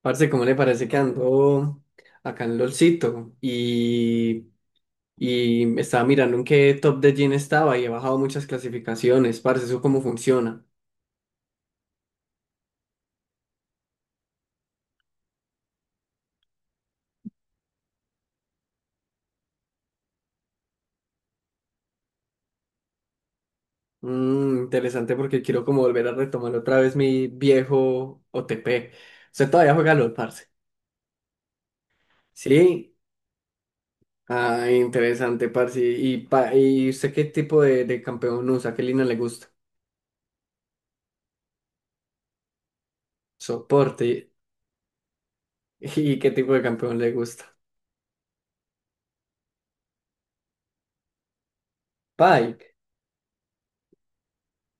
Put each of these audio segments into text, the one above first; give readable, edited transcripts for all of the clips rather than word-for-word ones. Parce, ¿cómo le parece que ando acá en LOLcito? Y estaba mirando en qué top de Gin estaba y he bajado muchas clasificaciones. Parce, ¿eso cómo funciona? Mm, interesante porque quiero como volver a retomar otra vez mi viejo OTP. ¿Usted todavía juega LOL, parce? Sí. Ah, interesante, parce. ¿Y, y usted qué tipo de campeón usa? ¿Qué línea le gusta? Soporte. ¿Y qué tipo de campeón le gusta? Pike.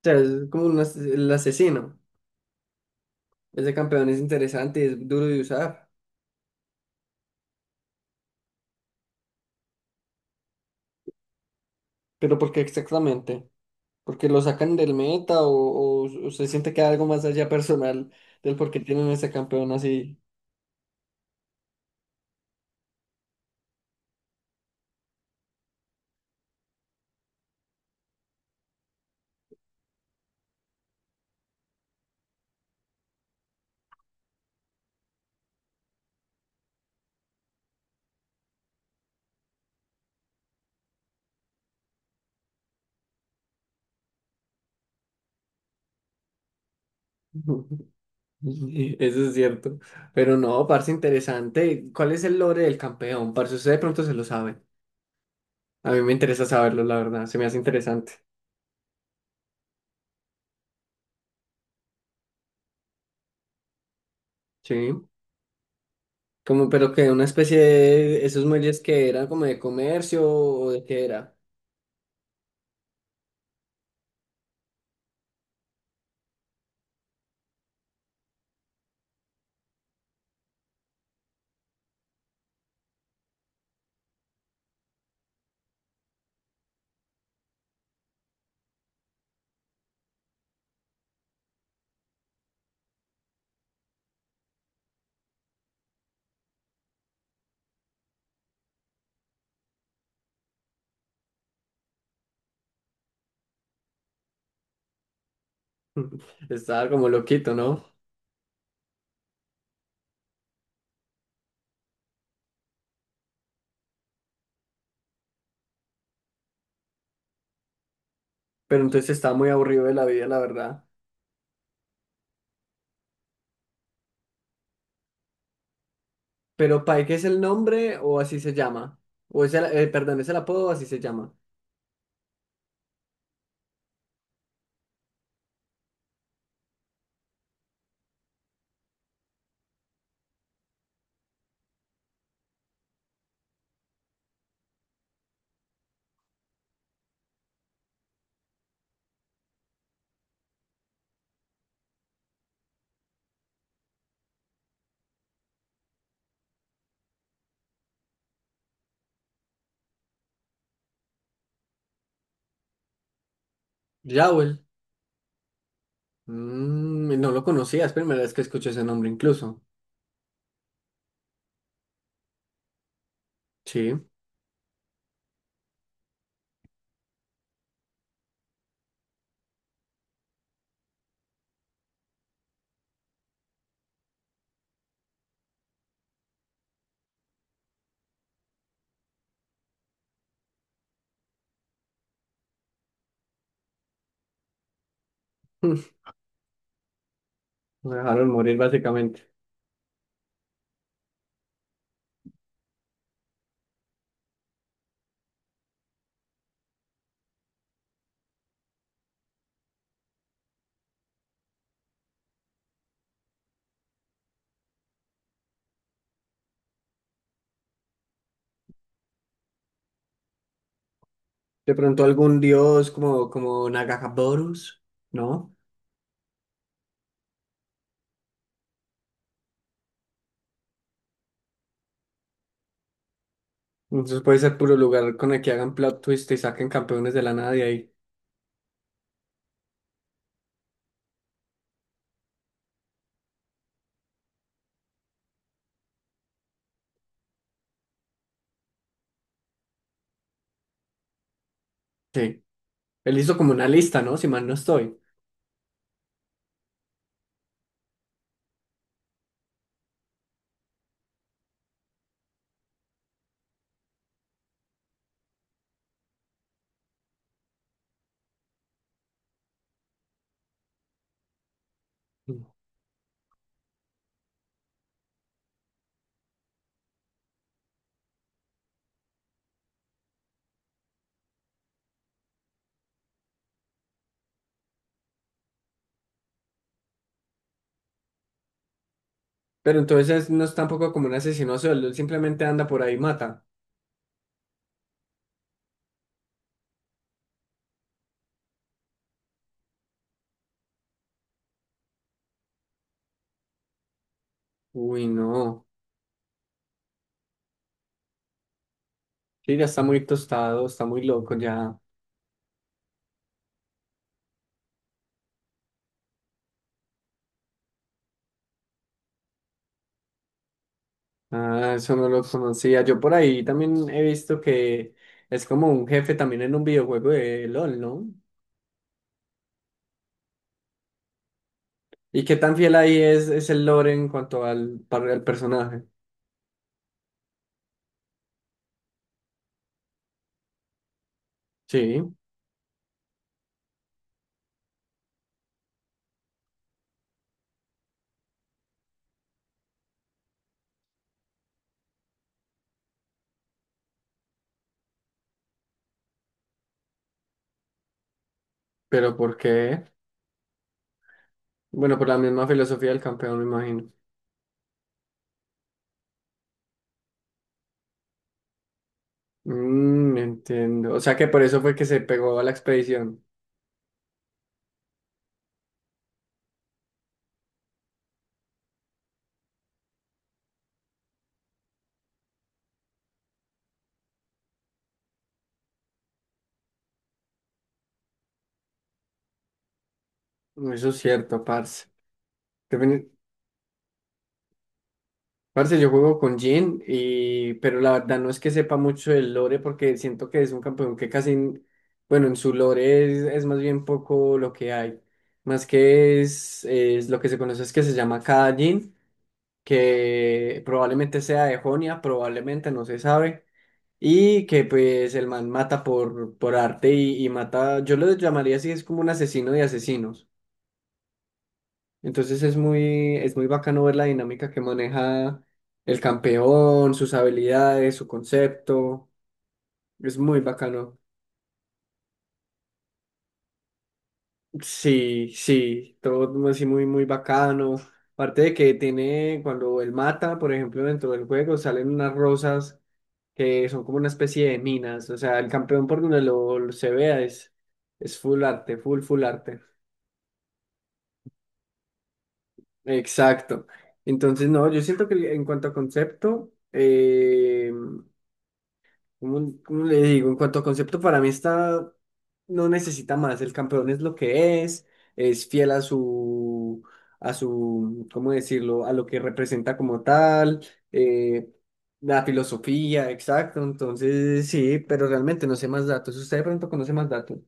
O sea, es como el asesino. Es de campeón, es interesante, es duro de usar. ¿Pero por qué exactamente? ¿Porque lo sacan del meta o, o se siente que hay algo más allá personal del por qué tienen ese campeón así? Eso es cierto. Pero no, parce, interesante. ¿Cuál es el lore del campeón? Parce, usted de pronto se lo sabe. A mí me interesa saberlo, la verdad. Se me hace interesante. Sí. Como, pero que una especie de esos muelles que eran como de comercio o de qué era. Estaba como loquito, ¿no? Pero entonces está muy aburrido de la vida, la verdad. Pero Pike es el nombre o así se llama. O es el, perdón, es el apodo o así se llama. Jowell. Mm, no lo conocía, es primera vez que escucho ese nombre incluso. Sí. Me dejaron morir básicamente. De pronto algún dios como, como Nagaboros, ¿no? Entonces puede ser puro lugar con el que hagan plot twist y saquen campeones de la nada de ahí. Sí. Él hizo como una lista, ¿no? Si mal no estoy. Pero entonces no es tampoco como un asesino sueldo, él simplemente anda por ahí y mata. Uy, no. Sí, ya está muy tostado, está muy loco ya. Ah, eso no lo conocía. Yo por ahí también he visto que es como un jefe también en un videojuego de LOL, ¿no? ¿Y qué tan fiel ahí es el lore en cuanto al, al personaje? Sí, pero ¿por qué? Bueno, por la misma filosofía del campeón, me imagino. Mm, entiendo. O sea que por eso fue que se pegó a la expedición. Eso es cierto, parce. Parce, yo juego con Jhin, y, pero la verdad no es que sepa mucho del lore porque siento que es un campeón que casi, n- bueno, en su lore es más bien poco lo que hay. Más que es lo que se conoce es que se llama Cada Jhin, que probablemente sea de Jonia, probablemente no se sabe, y que pues el man mata por arte y mata, yo lo llamaría así, es como un asesino de asesinos. Entonces es es muy bacano ver la dinámica que maneja el campeón, sus habilidades, su concepto. Es muy bacano. Sí, sí, todo así muy bacano. Aparte de que tiene, cuando él mata, por ejemplo, dentro del juego salen unas rosas que son como una especie de minas. O sea, el campeón por donde lo se vea es full arte, full arte. Exacto. Entonces, no, yo siento que en cuanto a concepto, ¿Cómo, cómo le digo? En cuanto a concepto, para mí está, no necesita más. El campeón es lo que es fiel a su, ¿cómo decirlo? A lo que representa como tal, eh, la filosofía, exacto. Entonces, sí, pero realmente no sé más datos. Si ¿usted de pronto conoce más datos?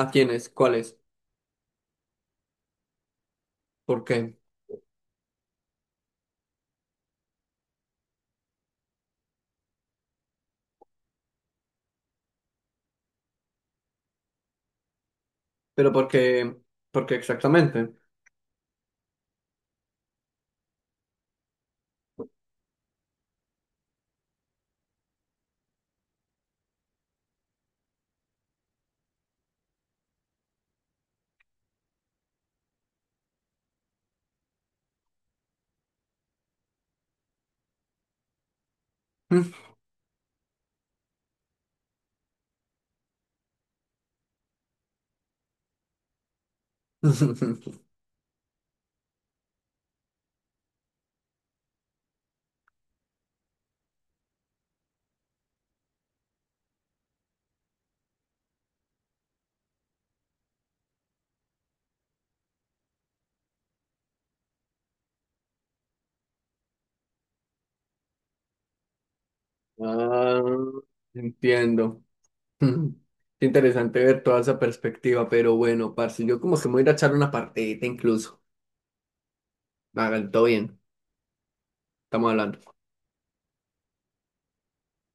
¿A quiénes? ¿Cuáles? ¿Por qué? Pero por qué exactamente. Ah, entiendo. Ujú. Qué interesante ver toda esa perspectiva, pero bueno, parce, yo como que me voy a ir a echar una partidita incluso. Hágale, todo bien, estamos hablando.